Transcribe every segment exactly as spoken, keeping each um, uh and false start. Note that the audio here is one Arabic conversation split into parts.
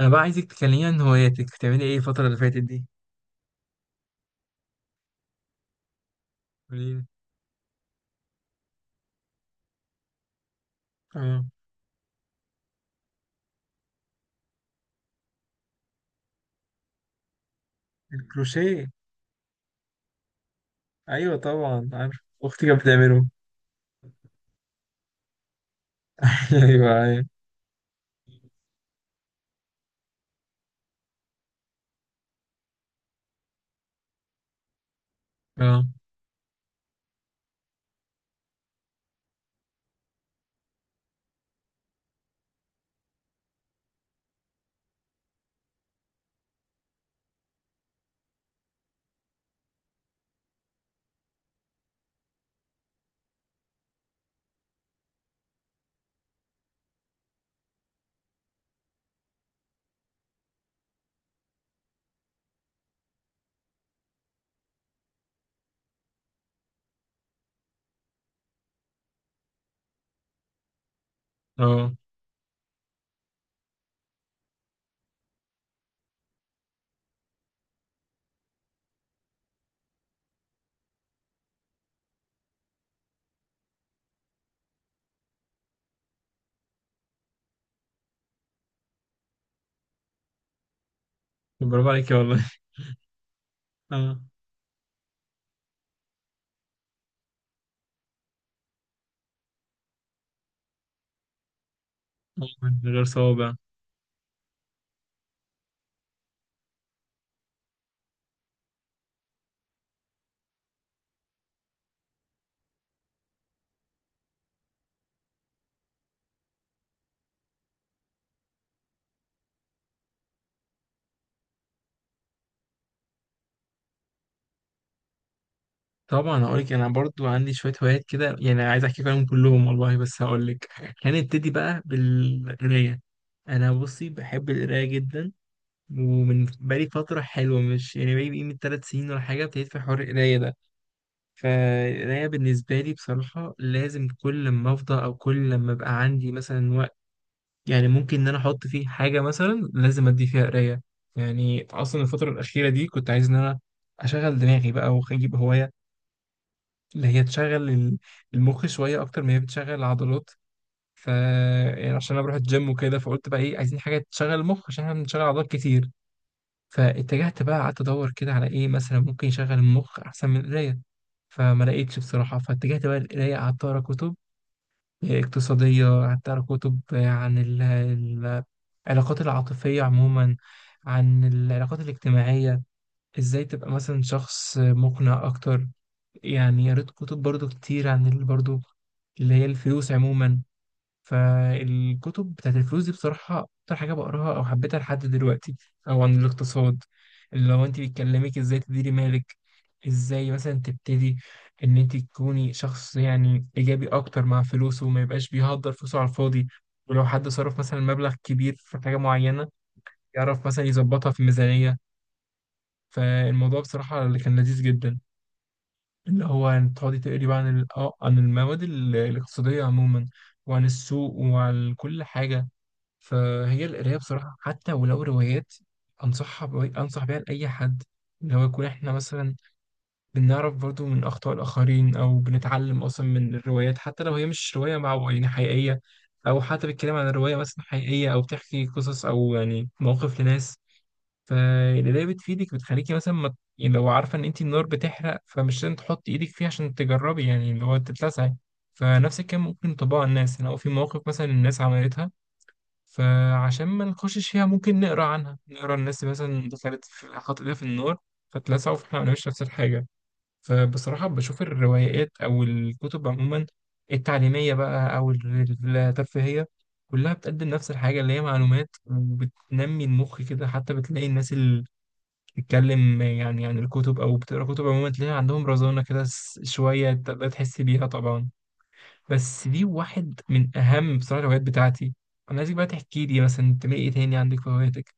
انا بقى عايزك تكلميني عن هواياتك، بتعملي ايه الفترة اللي فاتت دي؟ قولي لي. اه، الكروشيه. ايوه طبعا عارف. اختي كانت بتعمله. ايوه، ايوه. اه، اه. برافو عليكي والله. اه. آه، من غير صوابع. طبعا هقول لك، انا برضو عندي شويه هوايات كده، يعني عايز احكي عنهم كلهم والله، بس هقول لك. هنبتدي بقى بالقرايه. انا بصي بحب القرايه جدا. ومن بقالي فتره حلوه، مش يعني بقالي من ثلاث سنين ولا حاجه، ابتديت في حوار القرايه ده. فالقراية بالنسبة لي بصراحة لازم كل ما أفضى، أو كل لما أبقى عندي مثلا وقت، يعني ممكن إن أنا أحط فيه حاجة مثلا، لازم أدي فيها قراية. يعني أصلا الفترة الأخيرة دي كنت عايز إن أنا أشغل دماغي بقى وأجيب هواية اللي هي تشغل ال- المخ شوية أكتر ما هي بتشغل العضلات. ف يعني عشان أنا بروح الجيم وكده، فقلت بقى إيه، عايزين حاجة تشغل المخ عشان إحنا بنشغل عضلات كتير. فاتجهت بقى، قعدت ادور كده على ايه مثلا ممكن يشغل المخ احسن من القرايه. فما لقيتش بصراحه، فاتجهت بقى للقرايه، قعدت اقرا كتب اقتصاديه، قعدت اقرا كتب عن ال- ال- العلاقات العاطفيه عموما، عن العلاقات الاجتماعيه، ازاي تبقى مثلا شخص مقنع اكتر. يعني قريت كتب برضو كتير عن ال- برضو اللي هي الفلوس عموما. فالكتب بتاعت الفلوس دي بصراحة أكتر حاجة بقراها أو حبيتها لحد دلوقتي، أو عن الاقتصاد، اللي هو أنت بيكلمك إزاي تديري مالك، إزاي مثلا تبتدي إن أنت تكوني شخص يعني إيجابي أكتر مع فلوسه وما يبقاش بيهدر فلوسه على الفاضي. ولو حد صرف مثلا مبلغ كبير في حاجة معينة، يعرف مثلا يظبطها في ميزانية. فالموضوع بصراحة اللي كان لذيذ جدا اللي هو إن تقعدي تقري بقى عن ال- آه، عن المواد ال- الاقتصادية عموما، وعن السوق وعن كل حاجة. فهي القراية بصراحة حتى ولو روايات أنصحها بو... أنصح بيها لأي حد، إن هو يكون إحنا مثلا بنعرف برضو من أخطاء الآخرين، أو بنتعلم أصلا من الروايات حتى لو هي مش رواية مع يعني حقيقية، أو حتى بتتكلم عن رواية مثلا حقيقية أو بتحكي قصص أو يعني مواقف لناس. فالقراية بتفيدك، بتخليكي مثلا ما... يعني لو عارفة إن أنت النار بتحرق، فمش لازم تحطي إيدك فيها عشان تجربي، يعني اللي هو تتلسعي. فنفس الكلام ممكن طباع الناس يعني، أو في مواقف مثلا الناس عملتها، فعشان ما نخشش فيها ممكن نقرا عنها، نقرا الناس مثلا دخلت في، حاطت ايدها في النار فاتلسعوا، فاحنا ما نعملش نفس الحاجه. فبصراحه بشوف الروايات او الكتب عموما، التعليميه بقى او ال- الترفيهيه، كلها بتقدم نفس الحاجه اللي هي معلومات، وبتنمي المخ كده. حتى بتلاقي الناس اللي بتتكلم يعني عن الكتب او بتقرا كتب عموما، تلاقي عندهم رزانه كده س- شويه تقدر تحس بيها طبعا. بس دي واحد من اهم بصراحه الهوايات بتاعتي. انا عايزك بقى تحكي لي مثلا انت ايه تاني عندك في هواياتك؟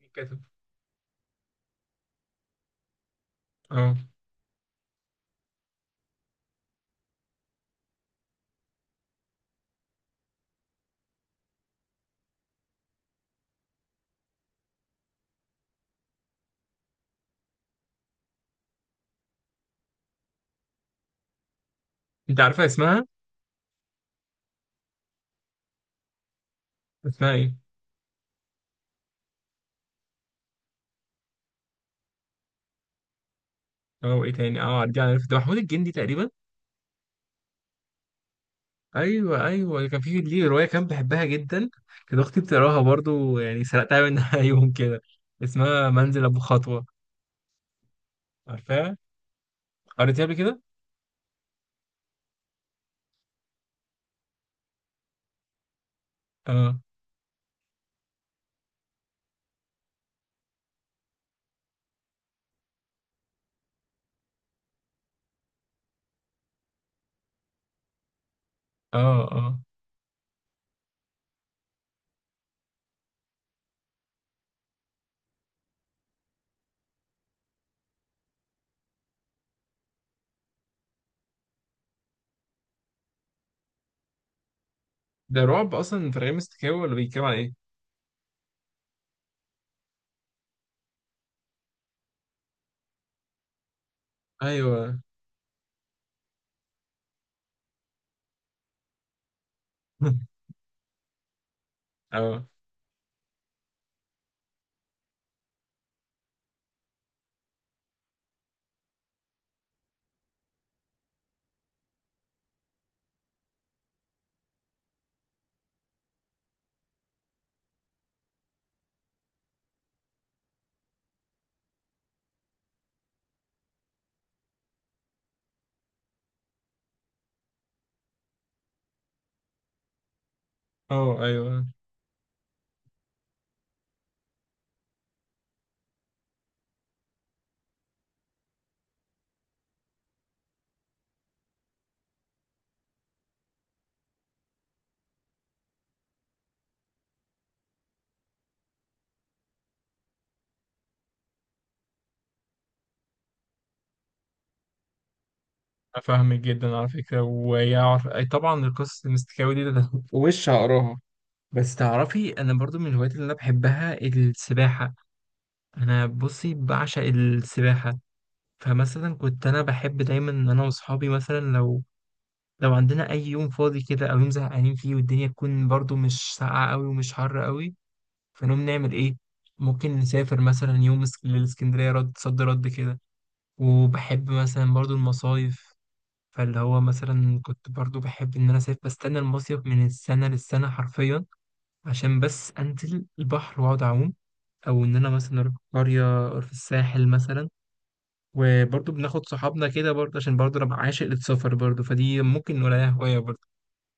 مين كاتب؟ اه، انت عارفها، اسمها؟ اسمها ايه؟ اه. ايه تاني؟ اه، دي عارف ده محمود الجندي تقريبا. ايوه، ايوه، كان في ليه روايه كان بحبها جدا. كانت اختي بتقراها برضو، يعني سرقتها منها يوم كده. اسمها منزل ابو خطوه. عارفاها؟ قريتها قبل كده. اه، اه، اه. ده رعب اصلا في رغم استكاوي، ولا بيتكلم عن ايه؟ ايوه. اه، اه، ايوه. أنا فاهمك جدا على فكرة، ويعرف أي طبعا القصص المستكاوي دي ده وش هقراها. بس تعرفي أنا برضو من الهوايات اللي أنا بحبها السباحة. أنا بصي بعشق السباحة. فمثلا كنت أنا بحب دايما إن أنا وأصحابي مثلا، لو لو عندنا أي يوم فاضي كده أو يوم زهقانين فيه، والدنيا تكون برضو مش ساقعة أوي ومش حر أوي، فنقوم نعمل إيه؟ ممكن نسافر مثلا يوم اسك- للإسكندرية، رد صد رد كده. وبحب مثلا برضو المصايف. فاللي هو مثلا كنت برضو بحب ان انا سايب بستنى المصيف من السنه للسنه حرفيا، عشان بس انزل البحر واقعد اعوم. او ان انا مثلا اروح قريه أو في الساحل مثلا. وبرضو بناخد صحابنا كده برضو، عشان برضو انا عاشق للسفر برضو، فدي ممكن نقولها هوايه برضو.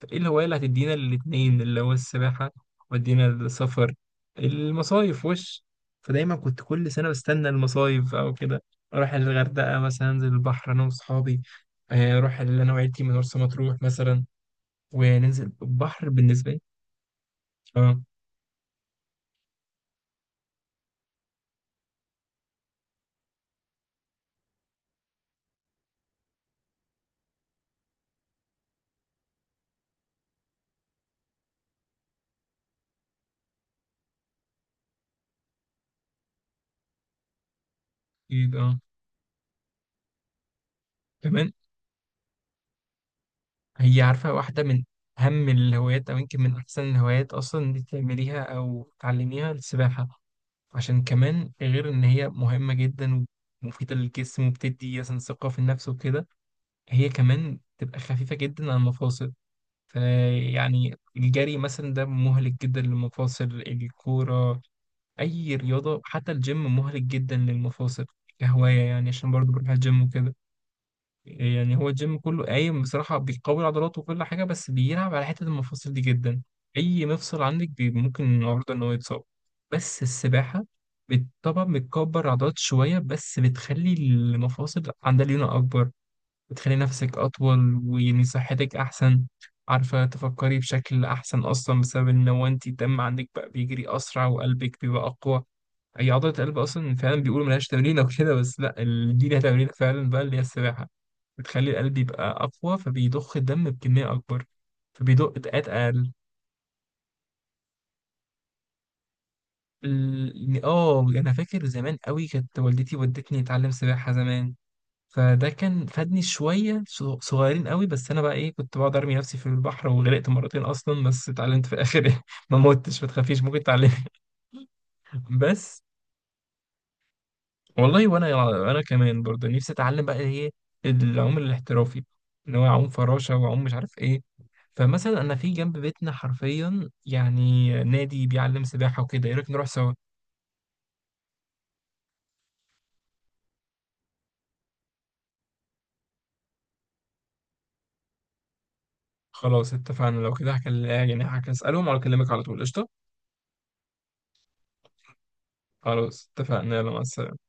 طب ايه الهواية اللي هتدينا الاتنين، اللي هو السباحة ودينا السفر المصايف وش. فدايما كنت كل سنة بستنى المصايف أو كده. أروح الغردقة مثلا أنزل البحر أنا وأصحابي. آه، أروح اللي أنا وعيلتي من مرسى مطروح مثلا وننزل البحر بالنسبة لي. أه، أكيد، أه. كمان هي عارفة واحدة من أهم الهوايات، أو يمكن من أحسن الهوايات أصلا إن أنت تعمليها أو تعلميها، السباحة. عشان كمان غير إن هي مهمة جدا ومفيدة للجسم وبتدي مثلا ثقة في النفس وكده، هي كمان تبقى خفيفة جدا على المفاصل. فيعني الجري مثلا ده مهلك جدا للمفاصل، الكورة أي رياضة حتى الجيم مهلك جدا للمفاصل. كهواية يعني، عشان برضو بروح الجيم وكده، يعني هو الجيم كله قايم بصراحة بيقوي عضلاته وكل حاجة، بس بيلعب على حتة المفاصل دي جدا. أي مفصل عندك بي- ممكن النهاردة إن هو يتصاب. بس السباحة بت- طبعا بتكبر عضلات شوية، بس بتخلي المفاصل عندها ليونة أكبر، بتخلي نفسك أطول ويعني صحتك أحسن. عارفة تفكري بشكل أحسن أصلا، بسبب إن هو أنت الدم عندك بقى بيجري أسرع وقلبك بيبقى أقوى. هي عضلة القلب أصلا فعلا بيقولوا ملهاش تمرين أو كده، بس لأ ال- دي لها تمرين فعلا بقى اللي هي السباحة. بتخلي القلب يبقى أقوى فبيضخ الدم بكمية أكبر، فبيدق دقات أقل. ال- آه أنا فاكر زمان قوي كانت والدتي ودتني أتعلم سباحة زمان، فده كان فادني شوية صغ- صغيرين قوي. بس أنا بقى إيه، كنت بقعد أرمي نفسي في البحر وغرقت مرتين أصلا، بس اتعلمت في الآخر. ما متش، ما تخافيش، ممكن تتعلمي. بس. والله وانا وانا كمان برضه نفسي اتعلم بقى ايه، العوم الاحترافي، اللي هو اعوم فراشه واعوم مش عارف ايه. فمثلا انا في جنب بيتنا حرفيا يعني نادي بيعلم سباحه وكده، ايه رايك نروح سوا؟ خلاص اتفقنا، لو كده هكلم يعني هسالهم ولا اكلمك على طول، قشطه. خلاص اتفقنا، يلا مع السلامة.